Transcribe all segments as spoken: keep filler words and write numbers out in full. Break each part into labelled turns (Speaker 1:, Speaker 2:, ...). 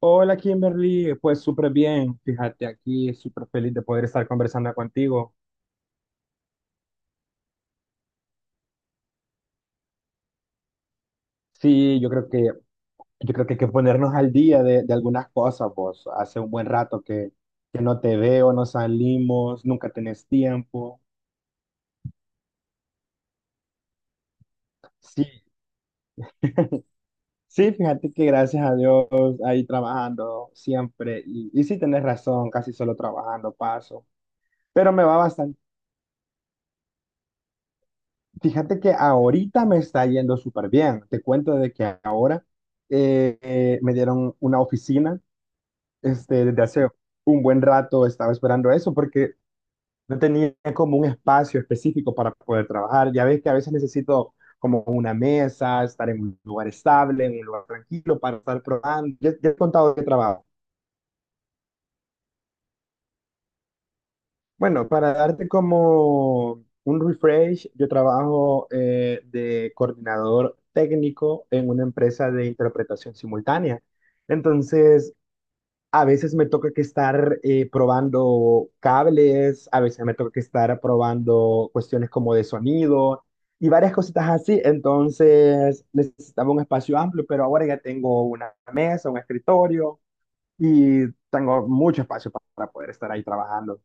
Speaker 1: Hola Kimberly, pues súper bien, fíjate aquí, súper feliz de poder estar conversando contigo. Sí, yo creo que, yo creo que hay que ponernos al día de, de algunas cosas, vos. Hace un buen rato que, que no te veo, no salimos, nunca tenés tiempo. Sí, sí, fíjate que gracias a Dios ahí trabajando siempre, y, y sí tenés razón, casi solo trabajando paso, pero me va bastante. Fíjate que ahorita me está yendo súper bien. Te cuento de que ahora eh, eh, me dieron una oficina. Este, desde hace un buen rato estaba esperando eso porque no tenía como un espacio específico para poder trabajar. Ya ves que a veces necesito como una mesa, estar en un lugar estable, en un lugar tranquilo para estar probando. Ya, ya he contado de trabajo. Bueno, para darte como un refresh, yo trabajo eh, de coordinador técnico en una empresa de interpretación simultánea. Entonces, a veces me toca que estar eh, probando cables, a veces me toca que estar probando cuestiones como de sonido y varias cositas así. Entonces, necesitaba un espacio amplio, pero ahora ya tengo una mesa, un escritorio y tengo mucho espacio pa- para poder estar ahí trabajando.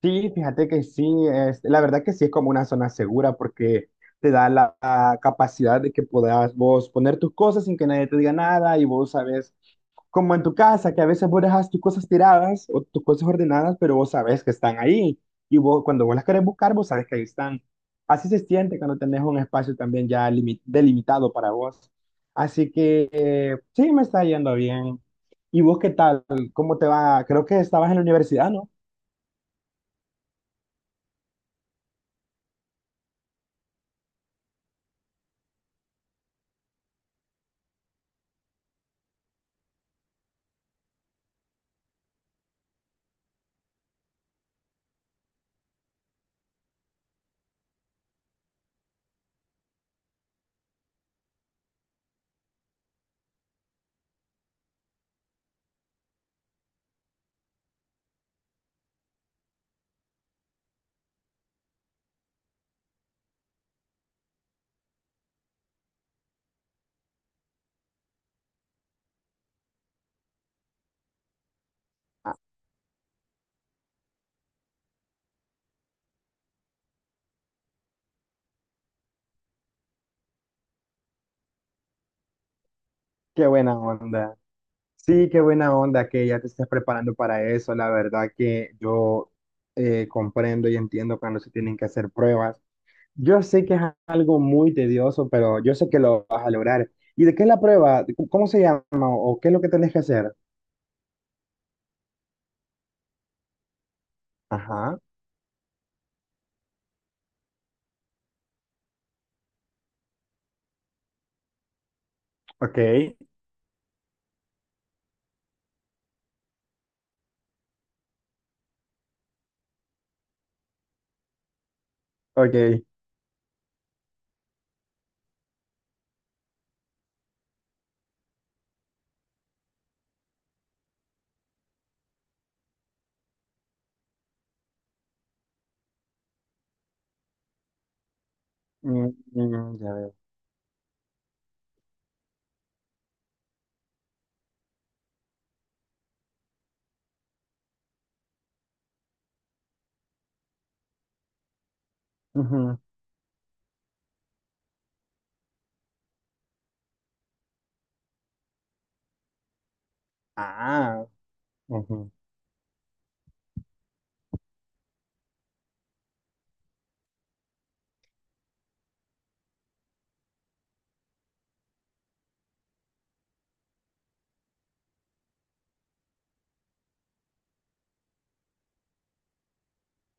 Speaker 1: Sí, fíjate que sí, es, la verdad que sí es como una zona segura porque te da la, la capacidad de que puedas vos poner tus cosas sin que nadie te diga nada y vos sabes, como en tu casa, que a veces vos dejas tus cosas tiradas o tus cosas ordenadas, pero vos sabes que están ahí y vos cuando vos las querés buscar, vos sabes que ahí están. Así se siente cuando tenés un espacio también ya limi- delimitado para vos. Así que eh, sí, me está yendo bien. ¿Y vos qué tal? ¿Cómo te va? Creo que estabas en la universidad, ¿no? Qué buena onda. Sí, qué buena onda que ya te estés preparando para eso. La verdad que yo eh, comprendo y entiendo cuando se tienen que hacer pruebas. Yo sé que es algo muy tedioso, pero yo sé que lo vas a lograr. ¿Y de qué es la prueba? ¿Cómo se llama? ¿O qué es lo que tenés que hacer? Ajá, ok, ok. Mm, mm, ya veo. Ujú. Ah, ujú.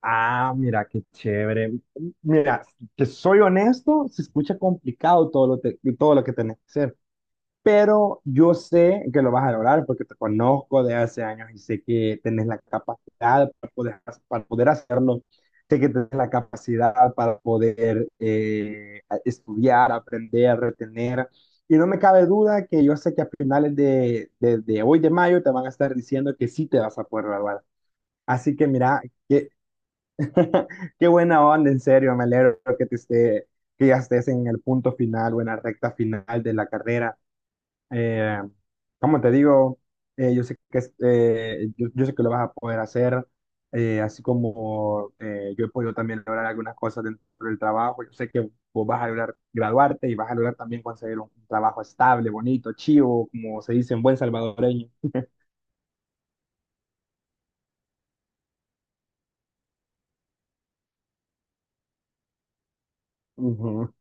Speaker 1: Ah, mira, qué chévere. Mira, que soy honesto, se escucha complicado todo lo, te- todo lo que tenés que hacer. Pero yo sé que lo vas a lograr porque te conozco de hace años y sé que tenés la capacidad para poder, para poder hacerlo, sé que tenés la capacidad para poder eh, estudiar, aprender, retener. Y no me cabe duda que yo sé que a finales de, de, de hoy de mayo te van a estar diciendo que sí te vas a poder graduar. Así que mira, qué, qué buena onda, en serio, me alegro que te esté, que ya estés en el punto final o en la recta final de la carrera eh, como te digo, eh, yo sé que es- eh, yo, yo sé que lo vas a poder hacer, eh, así como eh, yo he podido también lograr algunas cosas dentro del trabajo. Yo sé que vos vas a lograr graduarte y vas a lograr también conseguir un trabajo estable, bonito, chivo, como se dice en buen salvadoreño. Ujú.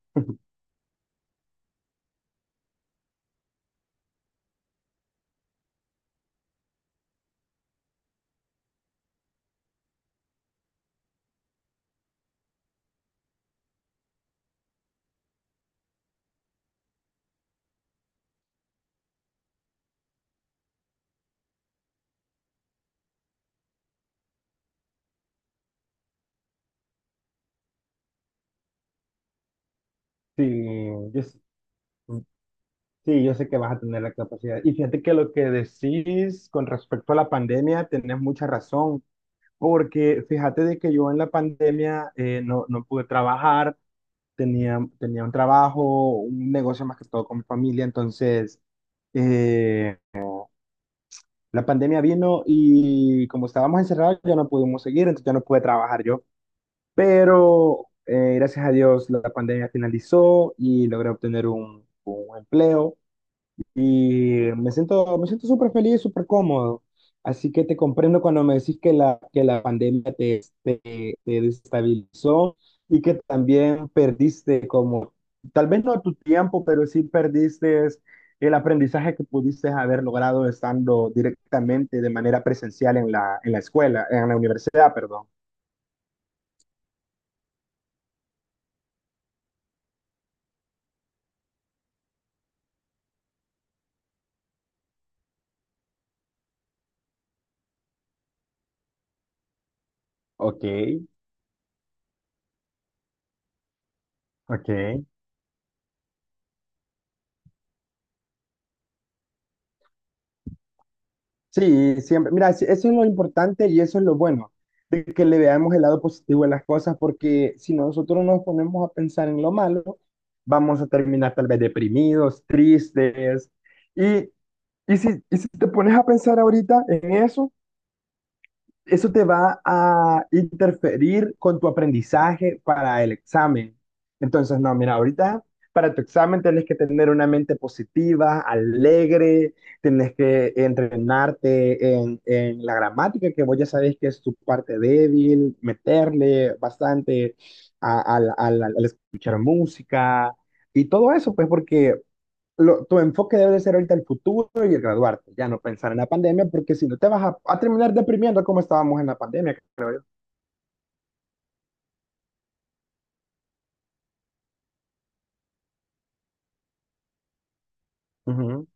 Speaker 1: Sí, yo, s- sí, yo sé que vas a tener la capacidad. Y fíjate que lo que decís con respecto a la pandemia, tenés mucha razón. Porque fíjate de que yo en la pandemia eh, no, no pude trabajar, tenía, tenía un trabajo, un negocio más que todo con mi familia, entonces eh, la pandemia vino y como estábamos encerrados ya no pudimos seguir, entonces ya no pude trabajar yo. Pero eh, gracias a Dios la pandemia finalizó y logré obtener un, un empleo y me siento, me siento súper feliz, súper cómodo. Así que te comprendo cuando me decís que la, que la pandemia te, te, te desestabilizó y que también perdiste como, tal vez no tu tiempo, pero sí perdiste el aprendizaje que pudiste haber logrado estando directamente de manera presencial en la, en la escuela, en la universidad, perdón. Ok, ok. Sí, siempre. Mira, es- eso es lo importante y eso es lo bueno, de que le veamos el lado positivo de las cosas, porque si nosotros nos ponemos a pensar en lo malo, vamos a terminar tal vez deprimidos, tristes. Y, y si, y si te pones a pensar ahorita en eso, eso te va a interferir con tu aprendizaje para el examen. Entonces, no, mira, ahorita para tu examen tienes que tener una mente positiva, alegre, tienes que entrenarte en, en la gramática, que vos ya sabés que es tu parte débil, meterle bastante a- al al- al- al escuchar música y todo eso, pues porque lo- tu enfoque debe de ser ahorita el futuro y el graduarte, ya no pensar en la pandemia, porque si no te vas a, a terminar deprimiendo como estábamos en la pandemia, creo yo. Ujú.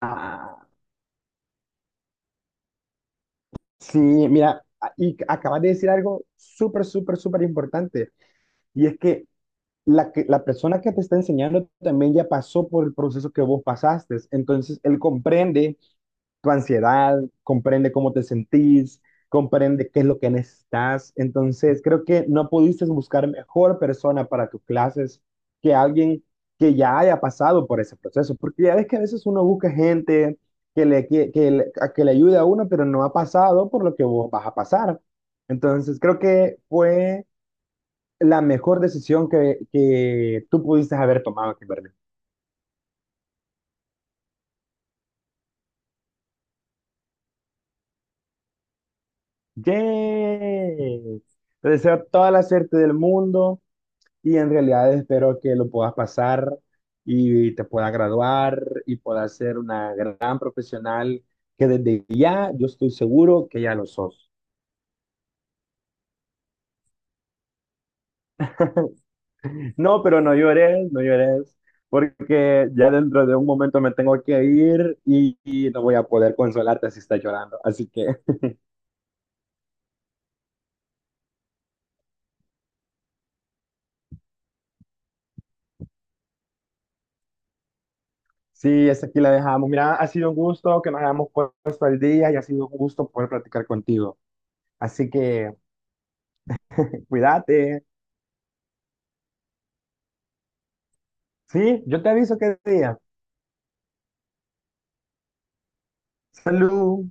Speaker 1: Ah, sí, mira, a- y acabas de decir algo súper, súper, súper importante, y es que la, que la persona que te está enseñando también ya pasó por el proceso que vos pasaste, entonces él comprende tu ansiedad, comprende cómo te sentís, comprende qué es lo que necesitas. Entonces, creo que no pudiste buscar mejor persona para tus clases que alguien que ya haya pasado por ese proceso, porque ya ves que a veces uno busca gente que le, que, que le- a que le ayude a uno, pero no ha pasado por lo que vos vas a pasar. Entonces, creo que fue la mejor decisión que, que tú pudiste haber tomado, Kimberly. ¡Yay! Te deseo toda la suerte del mundo. Y en realidad espero que lo puedas pasar y te puedas graduar y puedas ser una gran profesional que desde ya yo estoy seguro que ya lo sos. No, pero no llores, no llores, porque ya dentro de un momento me tengo que ir y, y no voy a poder consolarte si estás llorando. Así que sí, hasta aquí la dejamos. Mira, ha sido un gusto que nos hayamos puesto al día y ha sido un gusto poder platicar contigo. Así que cuídate. Sí, yo te aviso qué día. Salud.